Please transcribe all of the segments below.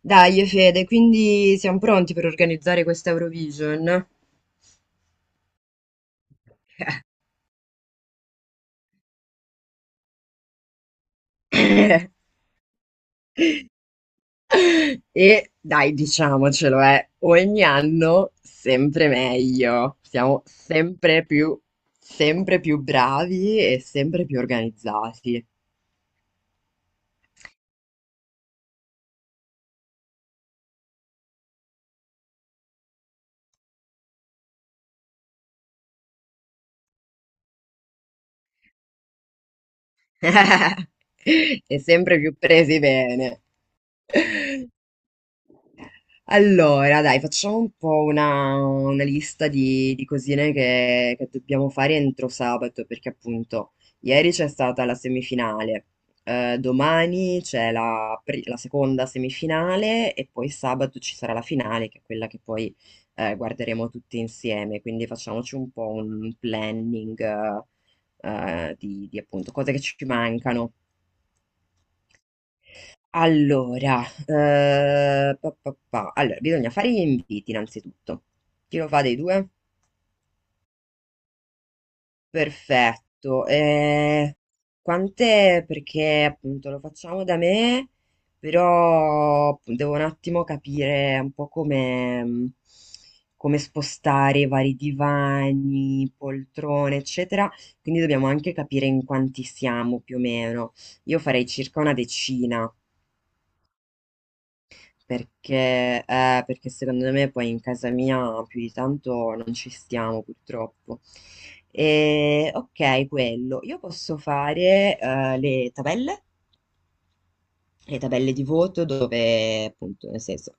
Dai, Fede, quindi siamo pronti per organizzare questa Eurovision? E dai, diciamocelo, ogni anno sempre meglio, siamo sempre più bravi e sempre più organizzati. E sempre più presi bene. Allora, dai, facciamo un po' una lista di cosine che dobbiamo fare entro sabato, perché appunto ieri c'è stata la semifinale, domani c'è la seconda semifinale e poi sabato ci sarà la finale, che è quella che poi guarderemo tutti insieme, quindi facciamoci un po' un planning di appunto cose che ci mancano. Allora, pa, pa, pa. Allora, bisogna fare gli inviti innanzitutto. Chi lo fa dei due? Perfetto. Quante? Perché appunto lo facciamo da me, però devo un attimo capire un po' come, come spostare i vari divani, poltrone, eccetera. Quindi dobbiamo anche capire in quanti siamo più o meno. Io farei circa una decina, perché, perché secondo me poi in casa mia più di tanto non ci stiamo purtroppo. E, ok, quello. Io posso fare le tabelle? Le tabelle di voto dove, appunto, nel senso,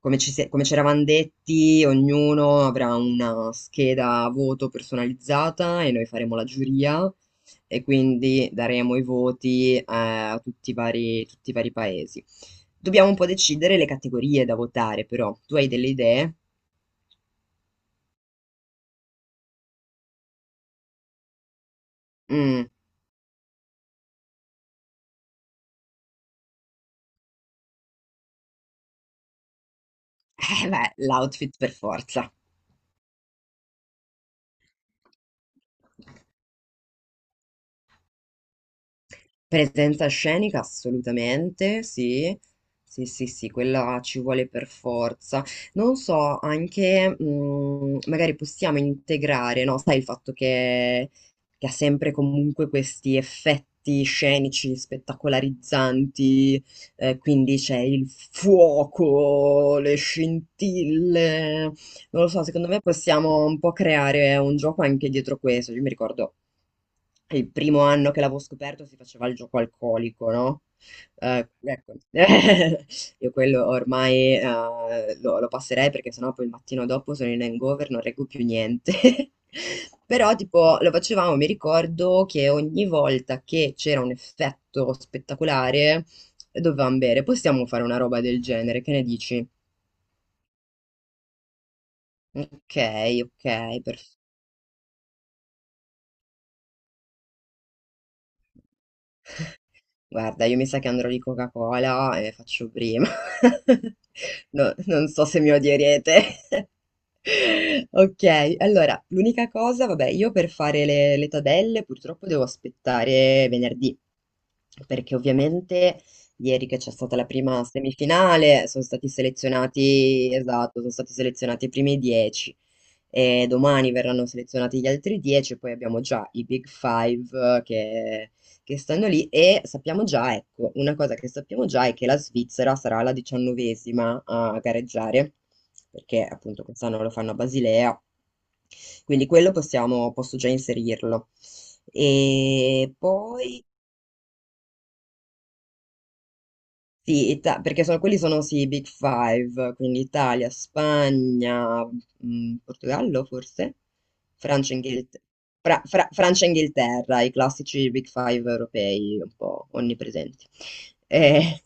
come come ci eravamo detti, ognuno avrà una scheda a voto personalizzata e noi faremo la giuria e quindi daremo i voti a tutti i vari paesi. Dobbiamo un po' decidere le categorie da votare, però. Tu hai delle idee? Mm. Eh beh, l'outfit per forza. Presenza scenica assolutamente, sì. Sì, sì, sì, quella ci vuole per forza. Non so, anche magari possiamo integrare, no? Sai il fatto che ha sempre comunque questi effetti scenici, spettacolarizzanti, quindi c'è il fuoco, le scintille. Non lo so, secondo me possiamo un po' creare un gioco anche dietro questo. Io mi ricordo il primo anno che l'avevo scoperto si faceva il gioco alcolico, no? Ecco, io quello ormai lo passerei perché sennò poi il mattino dopo sono in hangover, non reggo più niente. Però tipo lo facevamo, mi ricordo che ogni volta che c'era un effetto spettacolare dovevamo bere. Possiamo fare una roba del genere, che ne dici? Ok, ok, perfetto. Guarda, io mi sa che andrò di Coca-Cola e faccio prima. No, non so se mi odierete. Ok, allora, l'unica cosa, vabbè, io per fare le tabelle purtroppo devo aspettare venerdì, perché ovviamente ieri che c'è stata la prima semifinale sono stati selezionati, esatto, sono stati selezionati i primi 10 e domani verranno selezionati gli altri 10, e poi abbiamo già i Big Five che stanno lì e sappiamo già, ecco, una cosa che sappiamo già è che la Svizzera sarà la diciannovesima a gareggiare, perché appunto quest'anno lo fanno a Basilea, quindi quello possiamo, posso già inserirlo. E poi sì, quelli sono sì, i Big Five, quindi Italia, Spagna, Portogallo forse, Francia, Inghilterra, Francia e Inghilterra, i classici Big Five europei un po' onnipresenti. Eh,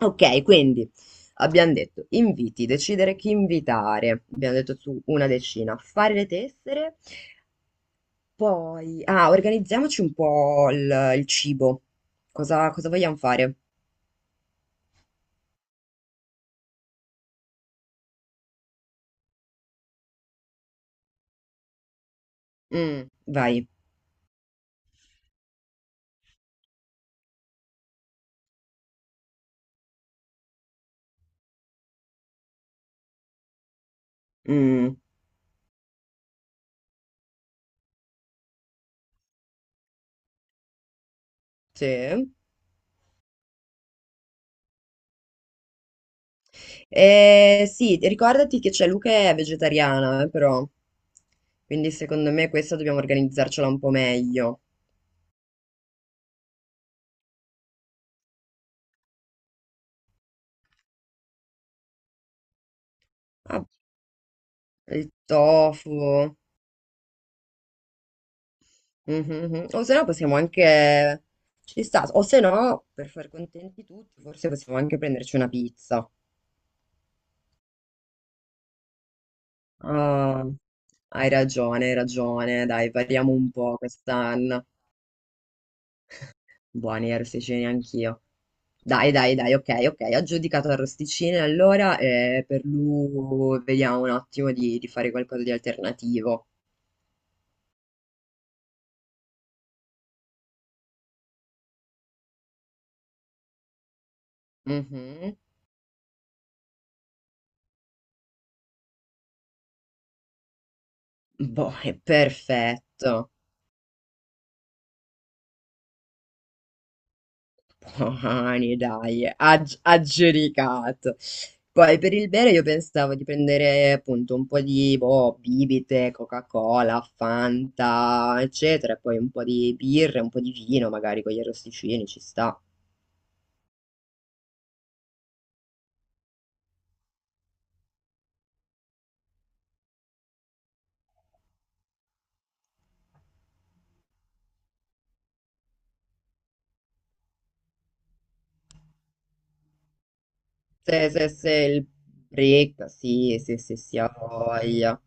ok, quindi abbiamo detto inviti, decidere chi invitare, abbiamo detto su una decina, fare le tessere, poi ah, organizziamoci un po' il cibo, cosa vogliamo fare? Mm, vai. Mm, sì. Sì, ricordati che c'è Luca è vegetariana, però. Quindi secondo me questa dobbiamo organizzarcela un po' meglio. Ah, il tofu. Mhm, mhm. O se no possiamo anche... Ci sta. O se no, per far contenti tutti, forse possiamo anche prenderci una pizza. Ah, hai ragione, hai ragione. Dai, variamo un po' quest'anno. Buoni arrosticini anch'io. Dai, dai, dai, ok, ok, aggiudicato arrosticini allora per lui vediamo un attimo di fare qualcosa di alternativo. Mhm. Boh, è perfetto. Buoni, dai, aggiudicato. Poi per il bere io pensavo di prendere appunto un po' di boh, bibite, Coca-Cola, Fanta, eccetera, e poi un po' di birra, un po' di vino magari con gli arrosticini, ci sta. Se il break, sì, sì, sì, sì, ha voglia.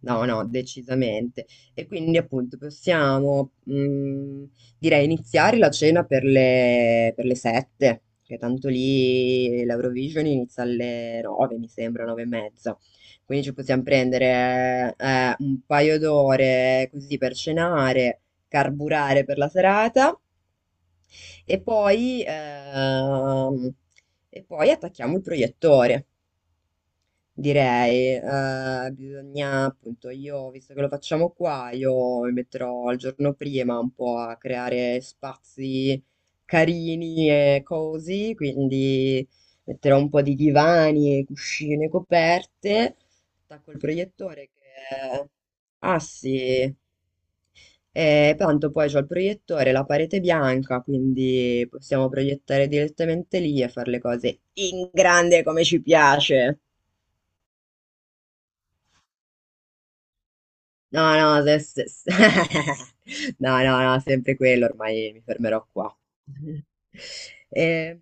No, no, decisamente. E quindi appunto possiamo, direi, iniziare la cena per le sette, che tanto lì l'Eurovision inizia alle nove, mi sembra, nove e mezza. Quindi ci possiamo prendere un paio d'ore così per cenare, carburare per la serata e poi, attacchiamo il proiettore, direi. Bisogna, appunto, io, visto che lo facciamo qua, io mi metterò il giorno prima un po' a creare spazi carini e così, quindi metterò un po' di divani, cuscine, coperte, attacco il proiettore che... Ah sì, e tanto poi c'ho il proiettore, la parete bianca, quindi possiamo proiettare direttamente lì e fare le cose in grande come ci piace. No, no, no, no, no, sempre quello, ormai mi fermerò qua. Eh,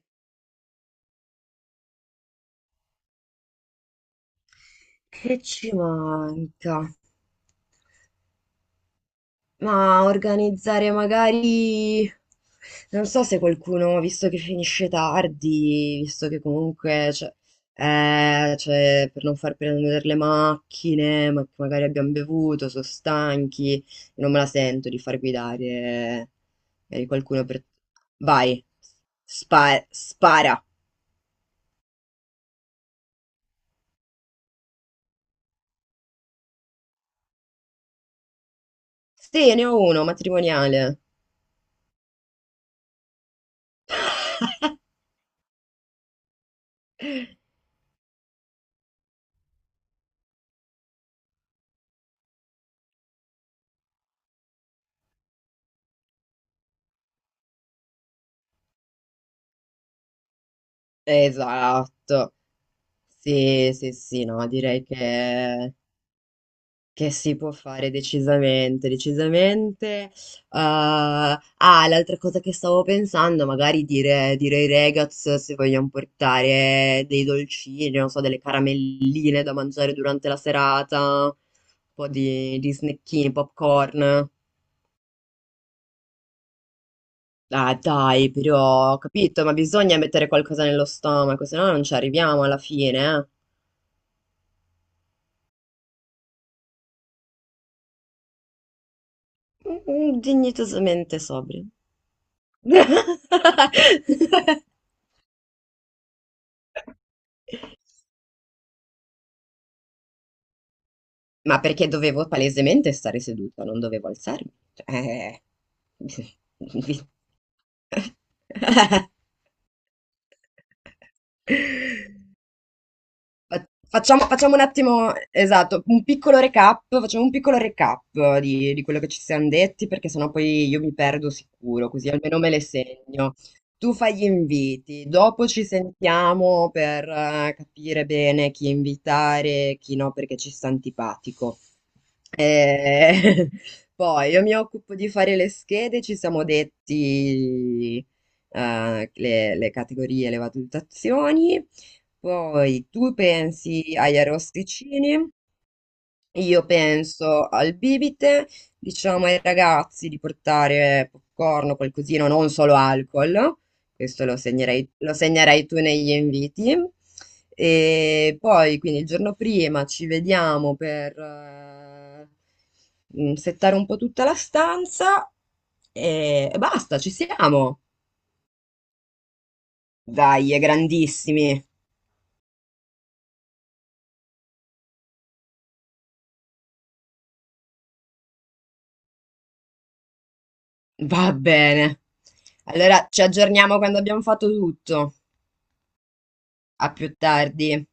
che ci manca? Ma organizzare magari... Non so se qualcuno, visto che finisce tardi, visto che comunque, cioè, per non far prendere le macchine, ma che magari abbiamo bevuto, sono stanchi, non me la sento di far guidare magari qualcuno per... Vai, spara. Sì, ne ho uno, matrimoniale. Esatto. Sì, sì, sì, no, direi che... Che si può fare decisamente, decisamente. Ah, ah, l'altra cosa che stavo pensando, magari dire ai ragazzi se vogliamo portare dei dolcini, non so, delle caramelline da mangiare durante la serata, un po' di snackini, popcorn. Ah, dai, però, ho capito, ma bisogna mettere qualcosa nello stomaco, se no non ci arriviamo alla fine, eh. Mm, dignitosamente sobri. Ma perché dovevo palesemente stare seduta, non dovevo alzarmi. Cioè, vi- facciamo un attimo, esatto, un piccolo recap, facciamo un piccolo recap di quello che ci siamo detti, perché sennò poi io mi perdo sicuro, così almeno me le segno. Tu fai gli inviti, dopo ci sentiamo per capire bene chi invitare, chi no, perché ci sta antipatico. Eh, poi io mi occupo di fare le schede, ci siamo detti eh, le categorie, le valutazioni. Poi tu pensi agli arrosticini, io penso al bibite, diciamo ai ragazzi di portare popcorn o qualcosina, non solo alcol, questo lo segnerai tu negli inviti. E poi, quindi il giorno prima ci vediamo per settare un po' tutta la stanza e basta, ci siamo. Dai, è grandissimi. Va bene. Allora ci aggiorniamo quando abbiamo fatto tutto. A più tardi.